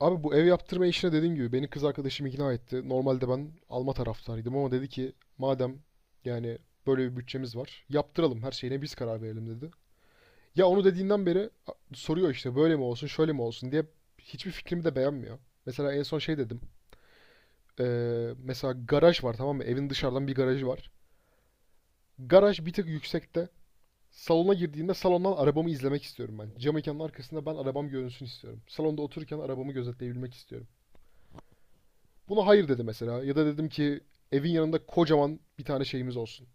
Abi bu ev yaptırma işine dediğim gibi beni kız arkadaşım ikna etti. Normalde ben alma taraftarıydım ama dedi ki madem yani böyle bir bütçemiz var yaptıralım her şeyine biz karar verelim dedi. Ya onu dediğinden beri soruyor işte böyle mi olsun şöyle mi olsun diye hiçbir fikrimi de beğenmiyor. Mesela en son şey dedim. Mesela garaj var, tamam mı? Evin dışarıdan bir garajı var. Garaj bir tık yüksekte. Salona girdiğinde salondan arabamı izlemek istiyorum ben. Cam mekanın arkasında ben arabam görünsün istiyorum. Salonda otururken arabamı gözetleyebilmek istiyorum. Buna hayır dedi mesela. Ya da dedim ki evin yanında kocaman bir tane şeyimiz olsun.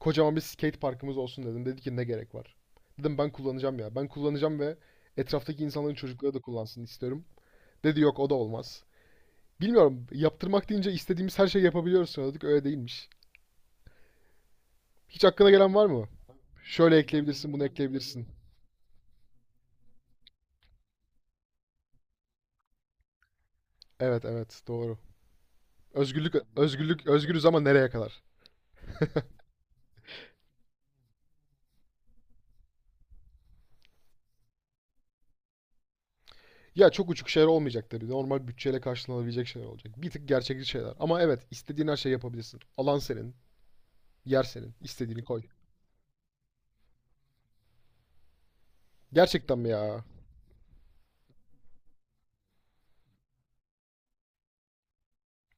Kocaman bir skate parkımız olsun dedim. Dedi ki ne gerek var? Dedim ben kullanacağım ya. Ben kullanacağım ve etraftaki insanların çocukları da kullansın istiyorum. Dedi yok o da olmaz. Bilmiyorum, yaptırmak deyince istediğimiz her şeyi yapabiliyoruz sanıyorduk. Öyle değilmiş. Hiç aklına gelen var mı? Şöyle ekleyebilirsin, bunu ekleyebilirsin. Evet, evet, doğru. Özgürlük, özgürlük, özgürüz ama nereye kadar? Ya çok uçuk şeyler olmayacak tabii. Normal bütçeyle karşılanabilecek şeyler olacak. Bir tık gerçekçi şeyler. Ama evet, istediğin her şeyi yapabilirsin. Alan senin, yer senin. İstediğini koy. Gerçekten mi ya?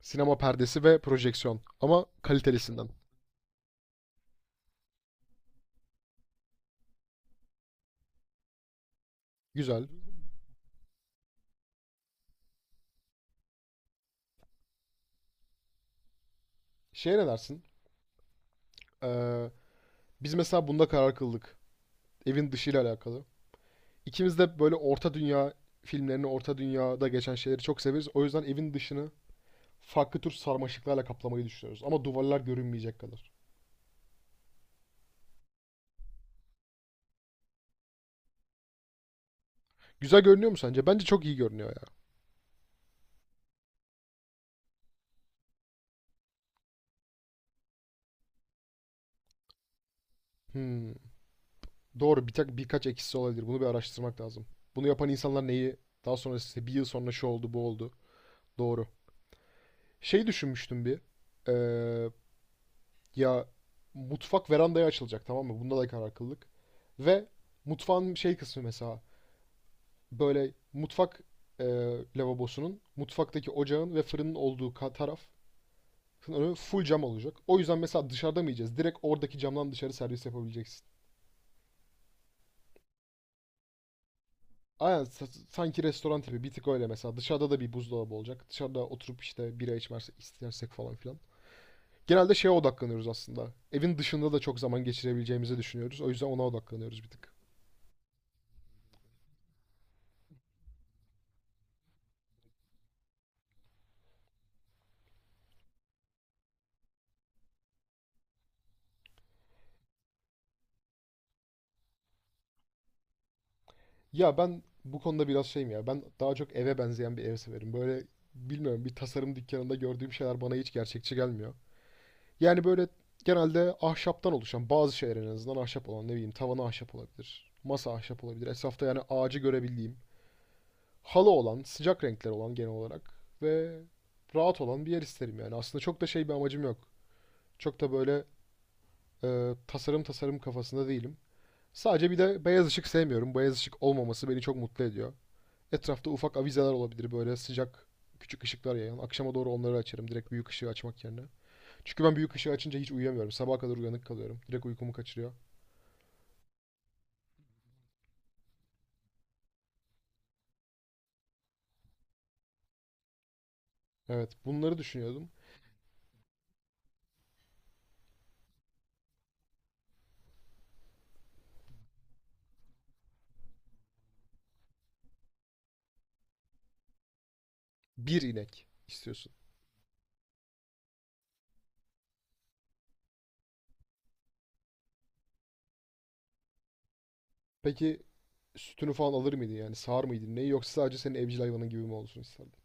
Sinema perdesi ve projeksiyon. Ama kalitelisinden. Güzel. Şeye ne dersin? Ee, Biz mesela bunda karar kıldık. Evin dışıyla alakalı. İkimiz de böyle orta dünya filmlerini, orta dünyada geçen şeyleri çok severiz. O yüzden evin dışını farklı tür sarmaşıklarla kaplamayı düşünüyoruz. Ama duvarlar görünmeyecek kadar. Güzel görünüyor mu sence? Bence çok iyi görünüyor ya. Hmm. Doğru, bir tak birkaç eksisi olabilir. Bunu bir araştırmak lazım. Bunu yapan insanlar neyi daha sonra işte bir yıl sonra şu oldu bu oldu. Doğru. Şey düşünmüştüm bir. Ee, Ya mutfak verandaya açılacak, tamam mı? Bunda da karar kıldık. Ve mutfağın şey kısmı mesela böyle mutfak e, lavabosunun, mutfaktaki ocağın ve fırının olduğu taraf full cam olacak. O yüzden mesela dışarıda mı yiyeceğiz? Direkt oradaki camdan dışarı servis yapabileceksin. Aynen, sanki restoran tipi bir tık öyle mesela. Dışarıda da bir buzdolabı olacak. Dışarıda oturup işte bira içmez istersek falan filan. Genelde şeye odaklanıyoruz aslında. Evin dışında da çok zaman geçirebileceğimizi düşünüyoruz. O yüzden ona odaklanıyoruz bir tık. Ya ben bu konuda biraz şeyim ya. Ben daha çok eve benzeyen bir ev severim. Böyle bilmiyorum, bir tasarım dükkanında gördüğüm şeyler bana hiç gerçekçi gelmiyor. Yani böyle genelde ahşaptan oluşan bazı şeyler, en azından ahşap olan, ne bileyim tavanı ahşap olabilir. Masa ahşap olabilir. Etrafta yani ağacı görebildiğim, halı olan, sıcak renkler olan genel olarak ve rahat olan bir yer isterim yani. Aslında çok da şey bir amacım yok. Çok da böyle tasarım tasarım kafasında değilim. Sadece bir de beyaz ışık sevmiyorum. Beyaz ışık olmaması beni çok mutlu ediyor. Etrafta ufak avizeler olabilir, böyle sıcak küçük ışıklar yayan. Akşama doğru onları açarım direkt büyük ışığı açmak yerine. Çünkü ben büyük ışığı açınca hiç uyuyamıyorum. Sabaha kadar uyanık kalıyorum. Direkt uykumu kaçırıyor. Evet, bunları düşünüyordum. Bir inek istiyorsun. Peki sütünü falan alır mıydı yani, sağar mıydı neyi, yoksa sadece senin evcil hayvanın gibi mi olsun isterdin?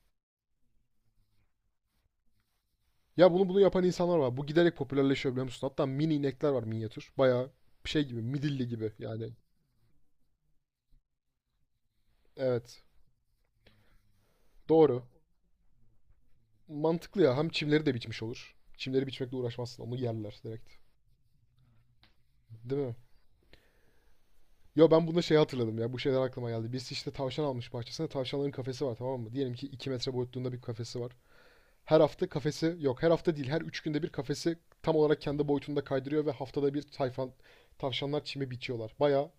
Ya bunu yapan insanlar var. Bu giderek popülerleşiyor, biliyor musun? Hatta mini inekler var, minyatür. Bayağı şey gibi, midilli gibi yani. Evet, doğru. Mantıklı ya, hem çimleri de biçmiş olur. Çimleri biçmekle uğraşmazsın, onu yerler direkt. Değil mi? Yo ben bunda şey hatırladım ya, bu şeyler aklıma geldi. Biz işte tavşan almış, bahçesinde tavşanların kafesi var, tamam mı? Diyelim ki 2 metre boyutluğunda bir kafesi var. Her hafta kafesi, yok her hafta değil, her 3 günde bir kafesi tam olarak kendi boyutunda kaydırıyor ve haftada bir tayfan tavşanlar çimi biçiyorlar. Baya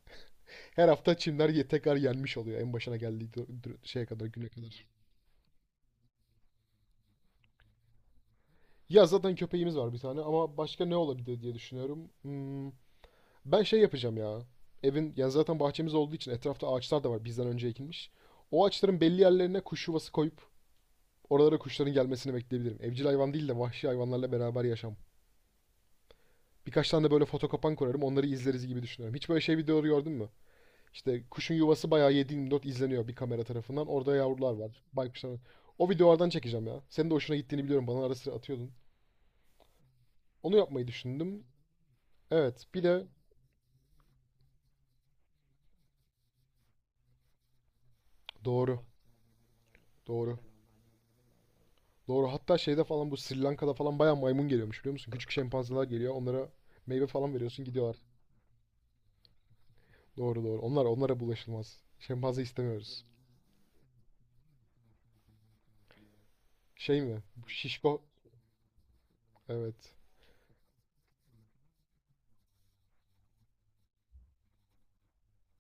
her hafta çimler tekrar yenmiş oluyor en başına geldiği şeye kadar, güne kadar. Ya zaten köpeğimiz var bir tane ama başka ne olabilir diye düşünüyorum. Ben şey yapacağım ya. Evin, yani zaten bahçemiz olduğu için etrafta ağaçlar da var bizden önce ekilmiş. O ağaçların belli yerlerine kuş yuvası koyup oralara kuşların gelmesini bekleyebilirim. Evcil hayvan değil de vahşi hayvanlarla beraber yaşam. Birkaç tane de böyle fotokopan kurarım. Onları izleriz gibi düşünüyorum. Hiç böyle şey videoları gördün mü? İşte kuşun yuvası bayağı 7/24 izleniyor bir kamera tarafından. Orada yavrular var. Baykuşlar. O videolardan çekeceğim ya. Senin de hoşuna gittiğini biliyorum. Bana ara sıra atıyordun. Onu yapmayı düşündüm. Evet. Bir de doğru. Doğru. Doğru. Hatta şeyde falan, bu Sri Lanka'da falan bayağı maymun geliyormuş, biliyor musun? Küçük şempanzeler geliyor. Onlara meyve falan veriyorsun, gidiyorlar. Doğru, doğru. Onlar, onlara bulaşılmaz. Şempanze istemiyoruz. Şey mi? Bu şişko. Evet.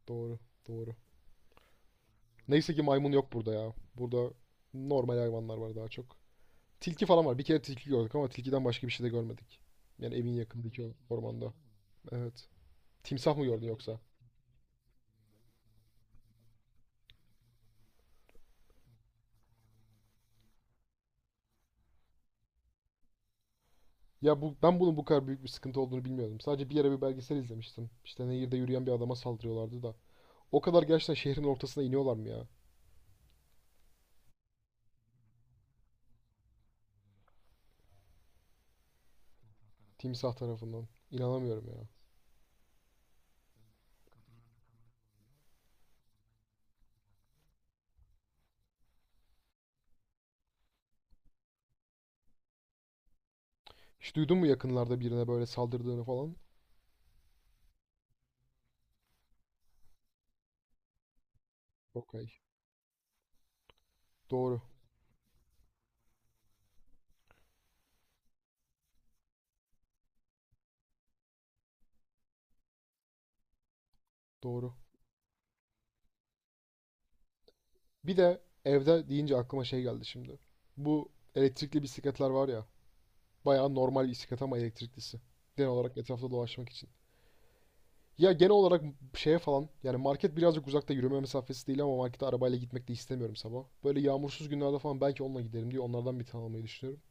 Doğru. Doğru. Neyse ki maymun yok burada ya. Burada normal hayvanlar var daha çok. Tilki falan var. Bir kere tilki gördük ama tilkiden başka bir şey de görmedik. Yani evin yakındaki ormanda. Evet. Timsah mı gördün yoksa? Ya ben bunun bu kadar büyük bir sıkıntı olduğunu bilmiyordum. Sadece bir yere bir belgesel izlemiştim. İşte nehirde yürüyen bir adama saldırıyorlardı da. O kadar gerçekten şehrin ortasına iniyorlar mı ya? Timsah tarafından. İnanamıyorum ya. Hiç duydun mu yakınlarda birine böyle saldırdığını falan? Okey. Doğru. Doğru. Bir de evde deyince aklıma şey geldi şimdi. Bu elektrikli bisikletler var ya. Bayağı normal bisiklet ama elektriklisi. Genel olarak etrafta dolaşmak için. Ya genel olarak şeye falan, yani market birazcık uzakta, yürüme mesafesi değil ama markete arabayla gitmek de istemiyorum sabah. Böyle yağmursuz günlerde falan belki onunla giderim diye onlardan bir tane almayı düşünüyorum.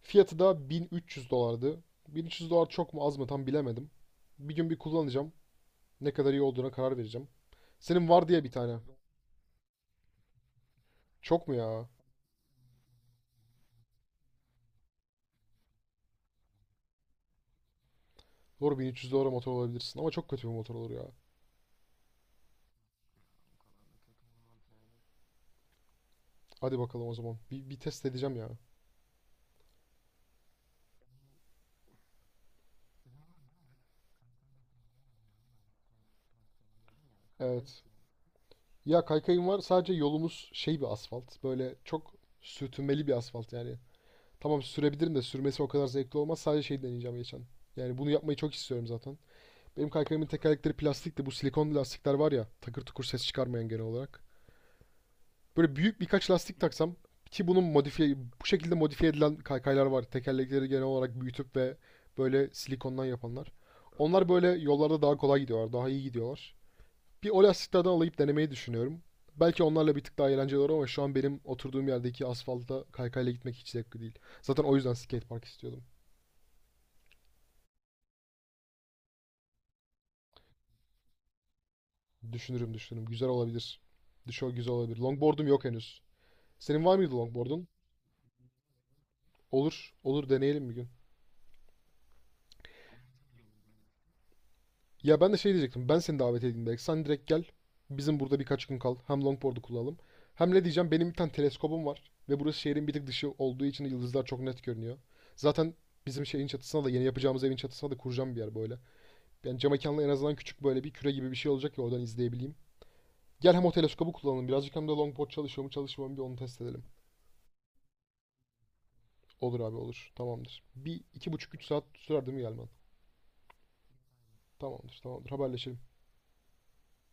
Fiyatı da 1300 dolardı. 1300 dolar çok mu az mı tam bilemedim. Bir gün bir kullanacağım. Ne kadar iyi olduğuna karar vereceğim. Senin var diye bir tane. Çok mu ya? Doğru, 1300 dolara motor olabilirsin ama çok kötü bir motor olur ya. Hadi bakalım o zaman. Bir test edeceğim ya. Evet. Ya kaykayım var. Sadece yolumuz şey bir asfalt. Böyle çok sürtünmeli bir asfalt yani. Tamam sürebilirim de sürmesi o kadar zevkli olmaz. Sadece şey deneyeceğim geçen. Yani bunu yapmayı çok istiyorum zaten. Benim kaykayımın tekerlekleri plastik de bu silikon lastikler var ya. Takır tukur ses çıkarmayan genel olarak. Böyle büyük birkaç lastik taksam, ki bunun modifiye, bu şekilde modifiye edilen kaykaylar var. Tekerlekleri genel olarak büyütüp ve böyle silikondan yapanlar. Onlar böyle yollarda daha kolay gidiyorlar, daha iyi gidiyorlar. Bir o lastiklerden alayıp denemeyi düşünüyorum. Belki onlarla bir tık daha eğlenceli olur ama şu an benim oturduğum yerdeki asfalta kaykayla gitmek hiç zevkli değil. Zaten o yüzden skatepark istiyordum. Düşünürüm, düşünürüm. Güzel olabilir. Düşo güzel olabilir. Longboard'um yok henüz. Senin var mıydı longboard'un? Olur. Olur, deneyelim bir gün. Ya ben de şey diyecektim. Ben seni davet edeyim belki. Sen direkt gel. Bizim burada birkaç gün kal. Hem longboard'u kullanalım. Hem ne diyeceğim? Benim bir tane teleskobum var. Ve burası şehrin bir tık dışı olduğu için yıldızlar çok net görünüyor. Zaten bizim şeyin çatısına da, yeni yapacağımız evin çatısına da kuracağım bir yer böyle. Yani cam mekanla, en azından küçük böyle bir küre gibi bir şey olacak ki oradan izleyebileyim. Gel, hem o teleskobu kullanalım birazcık hem de longboard çalışıyor mu çalışmıyor mu bir onu test edelim. Olur abi, olur. Tamamdır. Bir 2,5-3 saat sürer değil mi gelmen? Tamamdır, tamamdır, haberleşelim.